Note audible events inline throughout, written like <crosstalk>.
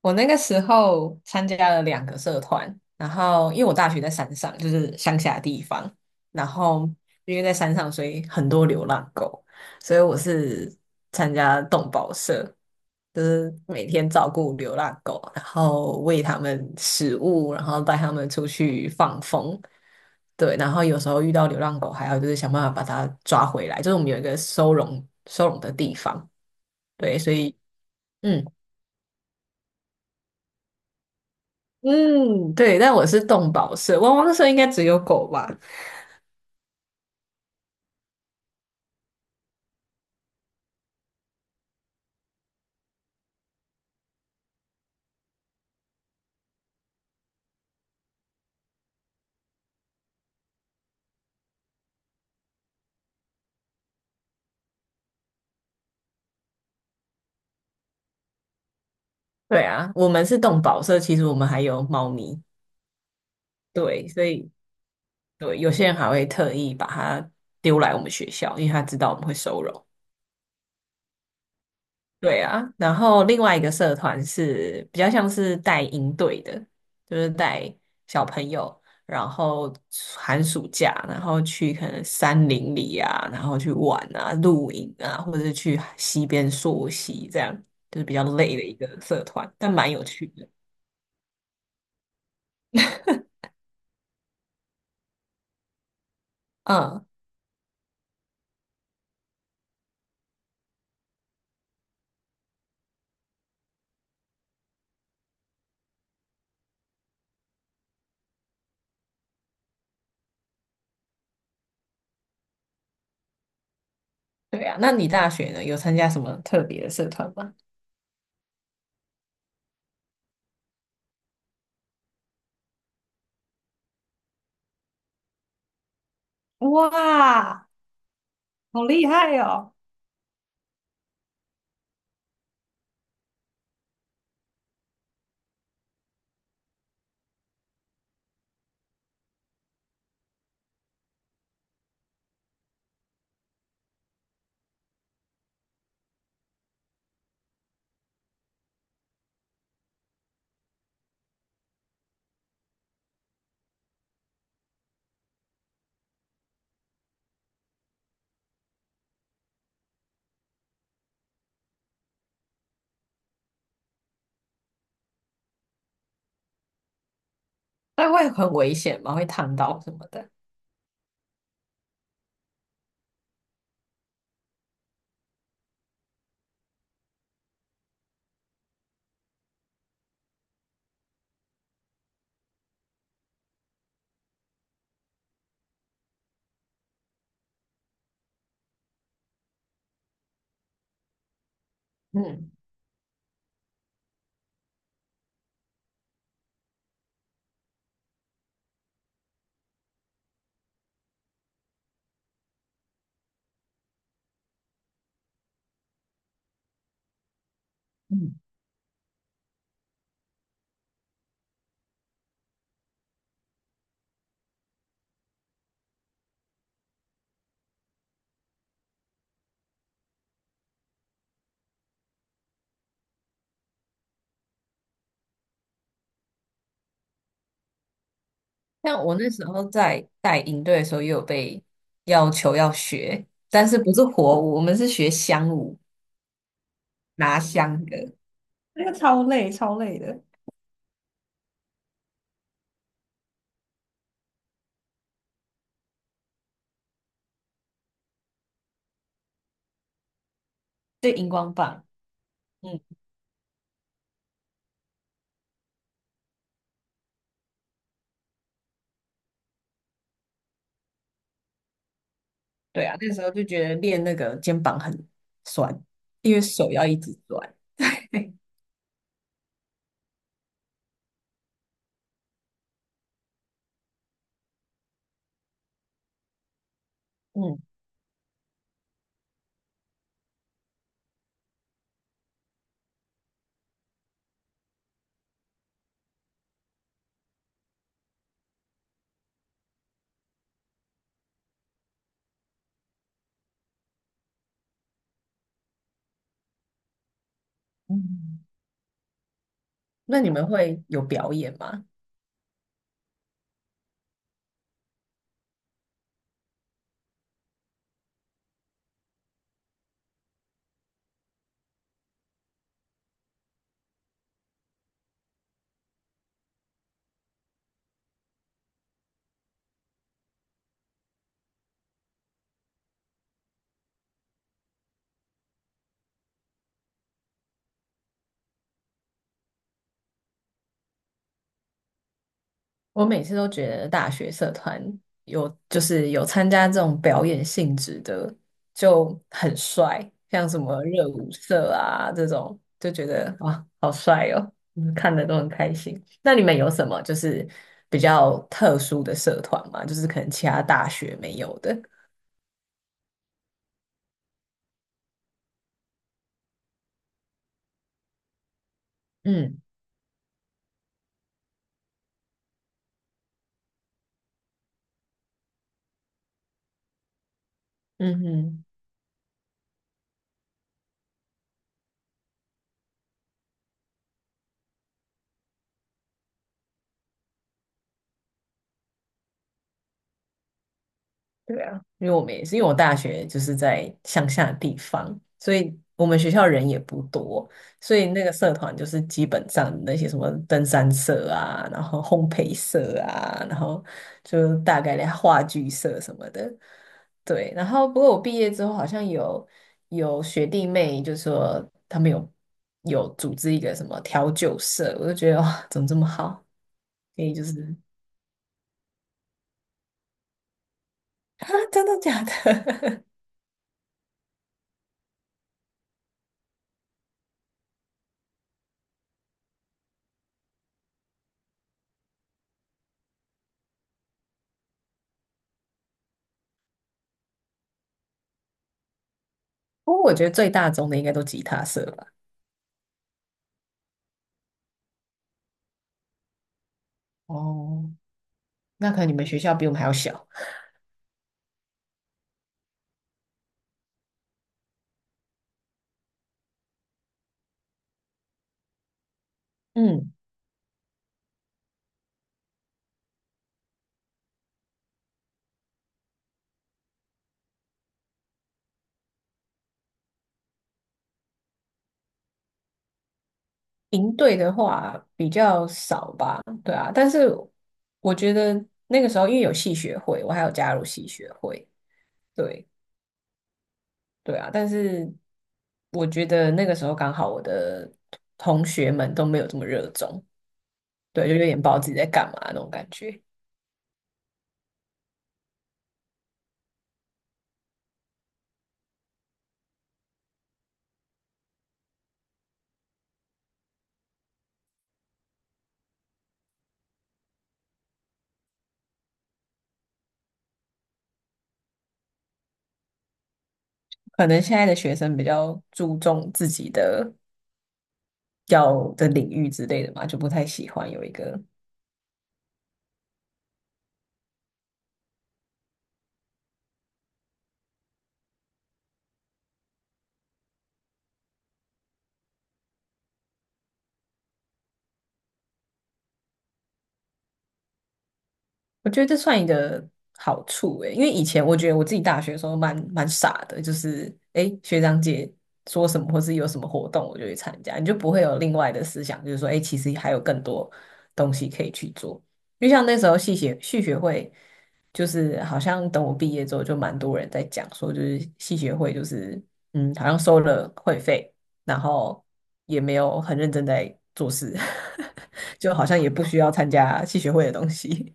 我那个时候参加了两个社团，然后因为我大学在山上，就是乡下地方，然后因为在山上，所以很多流浪狗，所以我是参加动保社，就是每天照顾流浪狗，然后喂它们食物，然后带它们出去放风。对，然后有时候遇到流浪狗，还要就是想办法把它抓回来，就是我们有一个收容的地方，对，所以。嗯。嗯，对，但我是动保社，汪汪社应该只有狗吧？对啊，我们是动保社，其实我们还有猫咪，对，所以对，有些人还会特意把它丢来我们学校，因为他知道我们会收容。对啊，然后另外一个社团是比较像是带营队的，就是带小朋友，然后寒暑假，然后去可能山林里啊，然后去玩啊、露营啊，或者是去溪边溯溪，这样就是比较累的一个社团，但蛮有趣的。嗯，对啊，那你大学呢，有参加什么特别的社团吗？哇，好厉害哦！那会很危险吗？会烫到什么的？嗯。嗯，像我那时候在带营队的时候，也有被要求要学，但是不是火舞，我们是学香舞，拿香的，那个超累，超累的。对，荧光棒。嗯，对啊，那时候就觉得练那个肩膀很酸，因为手要一直转。<laughs> 嗯。嗯，那你们会有表演吗？我每次都觉得大学社团有就是有参加这种表演性质的就很帅，像什么热舞社啊这种，就觉得哇好帅哦，嗯看的都很开心。那你们有什么就是比较特殊的社团吗？就是可能其他大学没有的？嗯。嗯哼。对啊，因为我们也是，因为我大学就是在乡下的地方，所以我们学校人也不多，所以那个社团就是基本上那些什么登山社啊，然后烘焙社啊，然后就大概的话剧社什么的，对。然后不过我毕业之后好像有学弟妹就说他们有组织一个什么调酒社，我就觉得哇，怎么这么好？可以就是 <laughs> 啊，真的假的？<laughs> 不过我觉得最大宗的应该都吉他社吧。哦，那可能你们学校比我们还要小。嗯，营队的话比较少吧，对啊，但是我觉得那个时候因为有戏学会，我还有加入戏学会，对。对啊，但是我觉得那个时候刚好我的同学们都没有这么热衷，对，就有点不知道自己在干嘛那种感觉。可能现在的学生比较注重自己的要的领域之类的嘛，就不太喜欢有一个。我觉得这算一个好处诶，因为以前我觉得我自己大学的时候蛮傻的，就是诶学长姐说什么或是有什么活动，我就去参加，你就不会有另外的思想，就是说诶其实还有更多东西可以去做。就像那时候系学会，就是好像等我毕业之后，就蛮多人在讲说，就是系学会就是嗯，好像收了会费，然后也没有很认真在做事，<laughs> 就好像也不需要参加系学会的东西。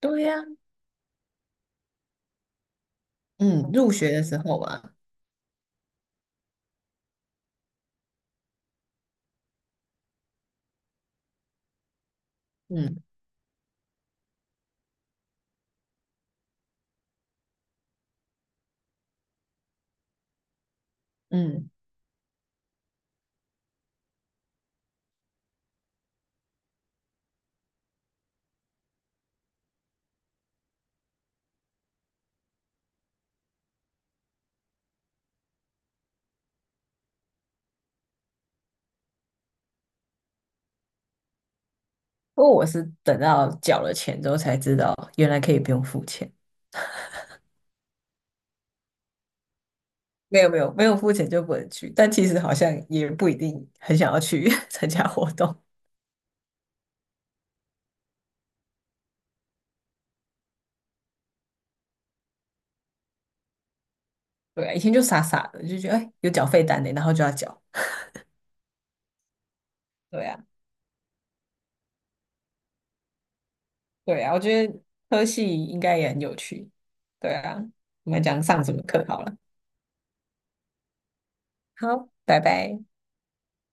对呀、嗯，入学的时候嘛。嗯。嗯，不过我是等到缴了钱之后才知道，原来可以不用付钱。没有没有付钱就不能去，但其实好像也不一定很想要去 <laughs> 参加活动。对啊，以前就傻傻的就觉得哎有缴费单呢，然后就要缴。对啊对啊，我觉得科系应该也很有趣。对啊，我们讲上什么课好了。好，拜拜。